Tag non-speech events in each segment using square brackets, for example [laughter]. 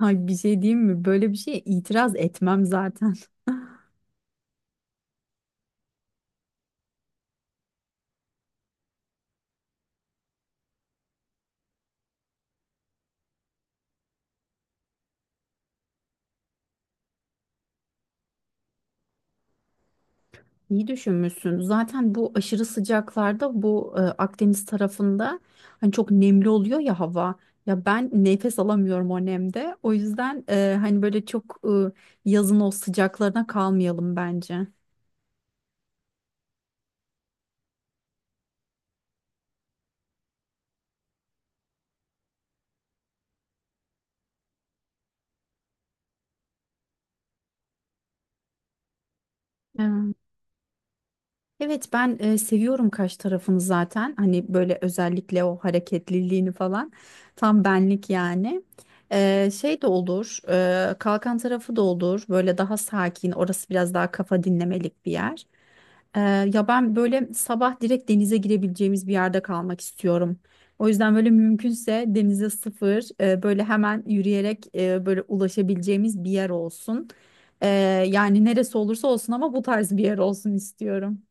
Ay bir şey diyeyim mi? Böyle bir şeye itiraz etmem zaten. [laughs] İyi düşünmüşsün. Zaten bu aşırı sıcaklarda bu Akdeniz tarafında hani çok nemli oluyor ya hava. Ya ben nefes alamıyorum o nemde. O yüzden hani böyle çok yazın o sıcaklarına kalmayalım bence. Evet. Evet ben seviyorum kaş tarafını zaten. Hani böyle özellikle o hareketliliğini falan. Tam benlik yani. Şey de olur. Kalkan tarafı da olur. Böyle daha sakin. Orası biraz daha kafa dinlemelik bir yer. E, Ya ben böyle sabah direkt denize girebileceğimiz bir yerde kalmak istiyorum. O yüzden böyle mümkünse denize sıfır böyle hemen yürüyerek böyle ulaşabileceğimiz bir yer olsun. E, Yani neresi olursa olsun ama bu tarz bir yer olsun istiyorum.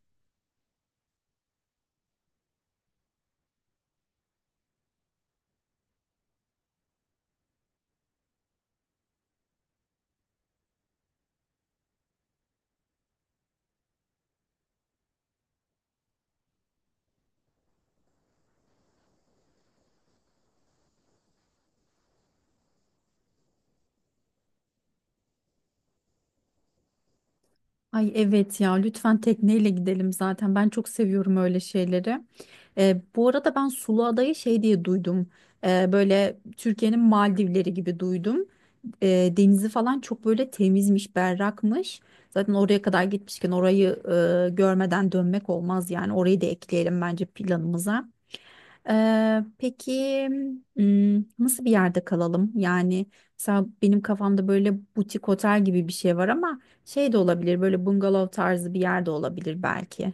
Ay evet ya, lütfen tekneyle gidelim, zaten ben çok seviyorum öyle şeyleri. Bu arada ben Sulu Adayı şey diye duydum. Böyle Türkiye'nin Maldivleri gibi duydum. Denizi falan çok böyle temizmiş, berrakmış. Zaten oraya kadar gitmişken orayı görmeden dönmek olmaz, yani orayı da ekleyelim bence planımıza. Peki, hmm, nasıl bir yerde kalalım? Yani mesela benim kafamda böyle butik otel gibi bir şey var ama şey de olabilir, böyle bungalov tarzı bir yerde olabilir belki.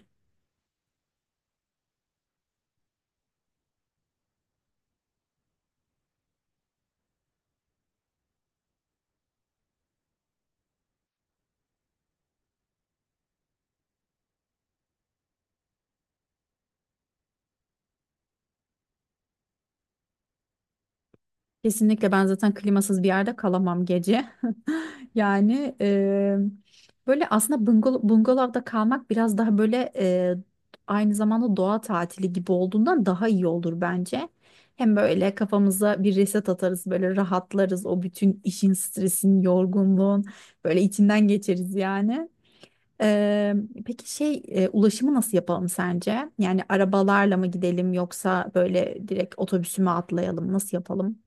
Kesinlikle ben zaten klimasız bir yerde kalamam gece. Yani böyle aslında bungalovda kalmak biraz daha böyle, aynı zamanda doğa tatili gibi olduğundan daha iyi olur bence. Hem böyle kafamıza bir reset atarız, böyle rahatlarız, o bütün işin, stresin, yorgunluğun böyle içinden geçeriz yani. Eee, peki şey, ulaşımı nasıl yapalım sence? Yani arabalarla mı gidelim yoksa böyle direkt otobüsüme atlayalım? Nasıl yapalım?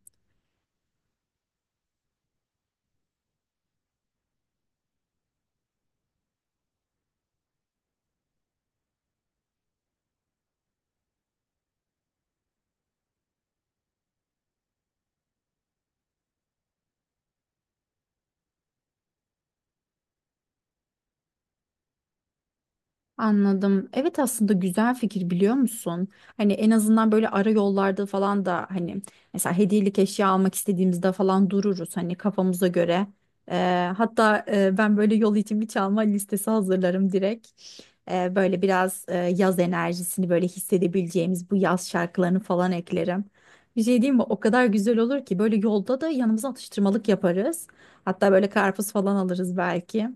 Anladım. Evet, aslında güzel fikir, biliyor musun? Hani en azından böyle ara yollarda falan da hani mesela hediyelik eşya almak istediğimizde falan dururuz hani kafamıza göre. Hatta ben böyle yol için bir çalma listesi hazırlarım direkt. Böyle biraz yaz enerjisini böyle hissedebileceğimiz bu yaz şarkılarını falan eklerim. Bir şey diyeyim mi? O kadar güzel olur ki, böyle yolda da yanımıza atıştırmalık yaparız. Hatta böyle karpuz falan alırız belki.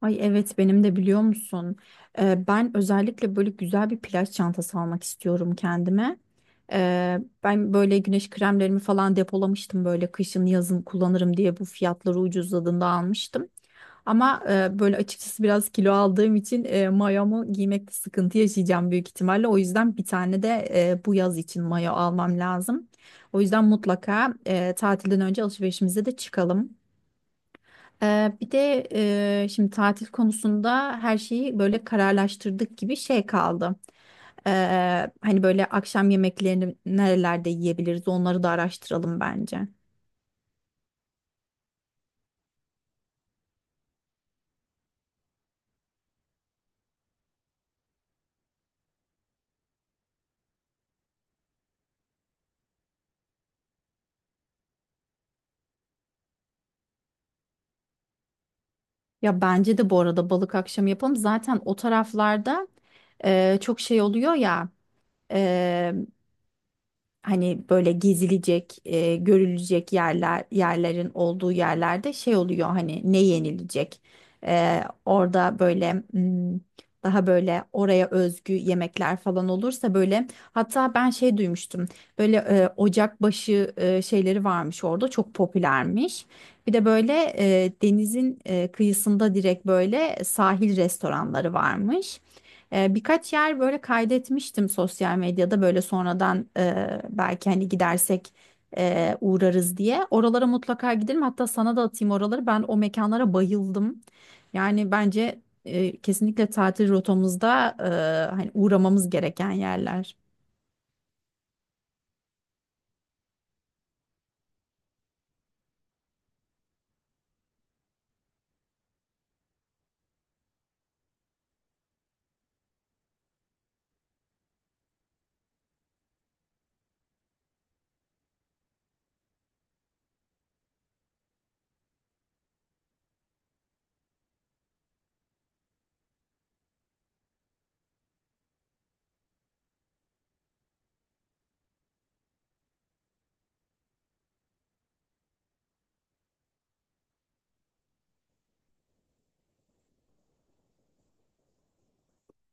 Ay evet, benim de, biliyor musun? Ben özellikle böyle güzel bir plaj çantası almak istiyorum kendime. Ee, Ben böyle güneş kremlerimi falan depolamıştım, böyle kışın yazın kullanırım diye, bu fiyatları ucuzladığında almıştım. Ama böyle açıkçası biraz kilo aldığım için mayomu giymekte sıkıntı yaşayacağım büyük ihtimalle. O yüzden bir tane de bu yaz için mayo almam lazım. O yüzden mutlaka tatilden önce alışverişimize de çıkalım. Bir de şimdi tatil konusunda her şeyi böyle kararlaştırdık gibi, şey kaldı. Hani böyle akşam yemeklerini nerelerde yiyebiliriz onları da araştıralım bence. Ya bence de bu arada balık akşamı yapalım. Zaten o taraflarda çok şey oluyor ya. Hani böyle gezilecek, görülecek yerler, yerlerin olduğu yerlerde şey oluyor hani, ne yenilecek. Orada böyle, hmm, daha böyle oraya özgü yemekler falan olursa böyle, hatta ben şey duymuştum. Böyle ocakbaşı şeyleri varmış orada, çok popülermiş. Bir de böyle denizin kıyısında direkt böyle sahil restoranları varmış. Birkaç yer böyle kaydetmiştim sosyal medyada, böyle sonradan belki hani gidersek uğrarız diye. Oralara mutlaka gidelim. Hatta sana da atayım oraları. Ben o mekanlara bayıldım. Yani bence kesinlikle tatil rotamızda hani uğramamız gereken yerler.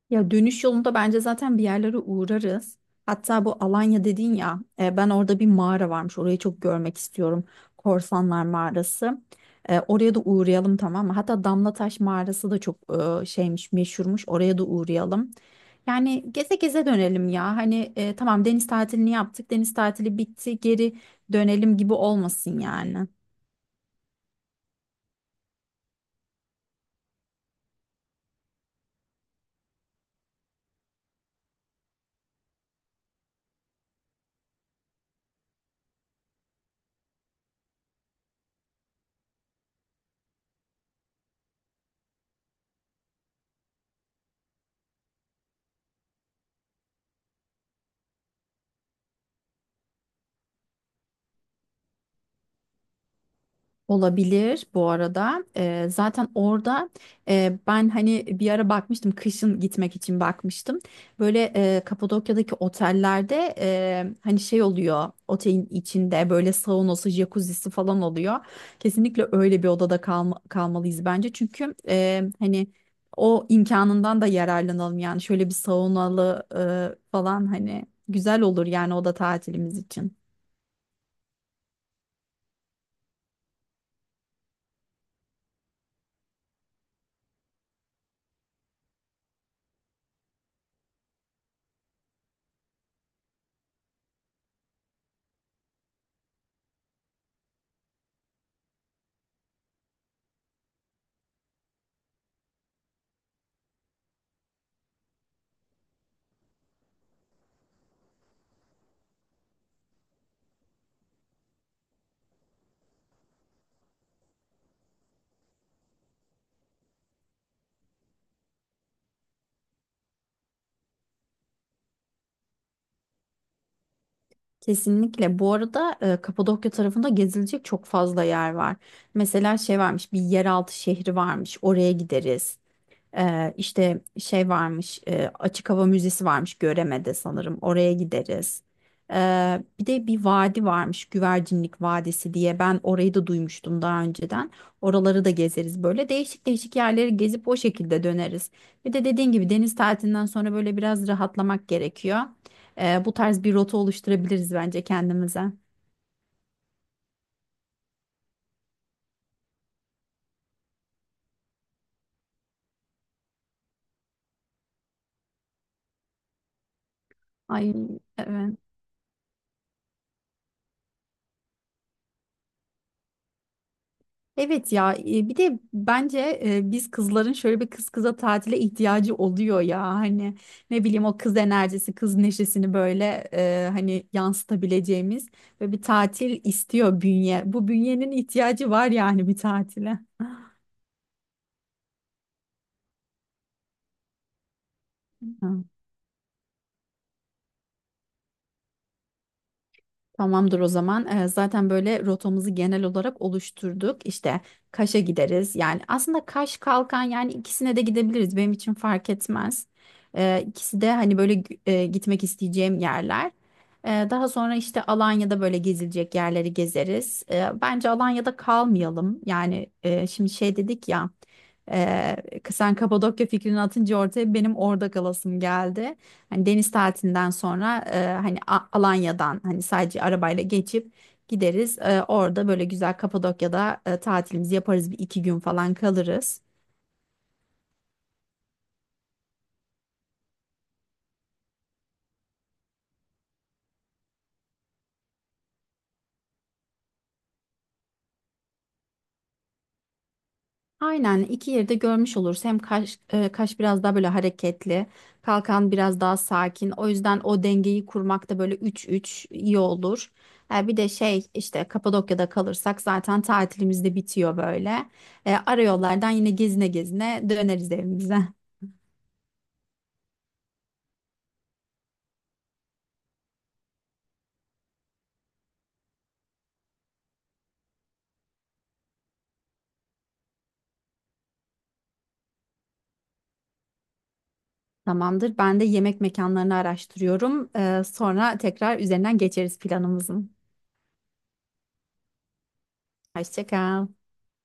Ya dönüş yolunda bence zaten bir yerlere uğrarız. Hatta bu Alanya dedin ya, ben orada bir mağara varmış, orayı çok görmek istiyorum. Korsanlar Mağarası. Oraya da uğrayalım, tamam mı? Hatta Damlataş Mağarası da çok şeymiş, meşhurmuş. Oraya da uğrayalım. Yani geze geze dönelim ya. Hani tamam, deniz tatilini yaptık, deniz tatili bitti, geri dönelim gibi olmasın yani. Olabilir bu arada. Zaten orada ben hani bir ara bakmıştım, kışın gitmek için bakmıştım. Böyle Kapadokya'daki otellerde hani şey oluyor, otelin içinde böyle saunası, jacuzzisi falan oluyor. Kesinlikle öyle bir odada kalmalıyız bence. Çünkü hani o imkanından da yararlanalım, yani şöyle bir saunalı falan hani güzel olur yani oda tatilimiz için. Kesinlikle. Bu arada Kapadokya tarafında gezilecek çok fazla yer var. Mesela şey varmış, bir yeraltı şehri varmış. Oraya gideriz. İşte şey varmış, açık hava müzesi varmış Göreme'de sanırım. Oraya gideriz. Bir de bir vadi varmış, Güvercinlik Vadisi diye. Ben orayı da duymuştum daha önceden. Oraları da gezeriz böyle. Değişik değişik yerleri gezip o şekilde döneriz. Bir de dediğin gibi deniz tatilinden sonra böyle biraz rahatlamak gerekiyor. Bu tarz bir rota oluşturabiliriz bence kendimize. Ay evet. Evet ya, bir de bence biz kızların şöyle bir kız kıza tatile ihtiyacı oluyor ya hani, ne bileyim, o kız enerjisi, kız neşesini böyle hani yansıtabileceğimiz ve bir tatil istiyor bünye. Bu bünyenin ihtiyacı var yani bir tatile. [laughs] Tamamdır o zaman. Zaten böyle rotamızı genel olarak oluşturduk. İşte Kaş'a gideriz. Yani aslında Kaş, Kalkan, yani ikisine de gidebiliriz. Benim için fark etmez. İkisi de hani böyle gitmek isteyeceğim yerler. Daha sonra işte Alanya'da böyle gezilecek yerleri gezeriz. Bence Alanya'da kalmayalım. Yani şimdi şey dedik ya. E, Sen Kapadokya fikrini atınca ortaya benim orada kalasım geldi. Hani deniz tatilinden sonra hani Alanya'dan hani sadece arabayla geçip gideriz. Orada böyle güzel Kapadokya'da tatilimizi yaparız. Bir iki gün falan kalırız. Aynen, iki yeri de görmüş oluruz. Hem Kaş, Kaş biraz daha böyle hareketli. Kalkan biraz daha sakin. O yüzden o dengeyi kurmakta böyle 3-3 iyi olur. Bir de şey, işte Kapadokya'da kalırsak zaten tatilimiz de bitiyor böyle. Ara yollardan yine gezine gezine döneriz evimize. [laughs] Tamamdır. Ben de yemek mekanlarını araştırıyorum. Sonra tekrar üzerinden geçeriz planımızın. Hoşça kal.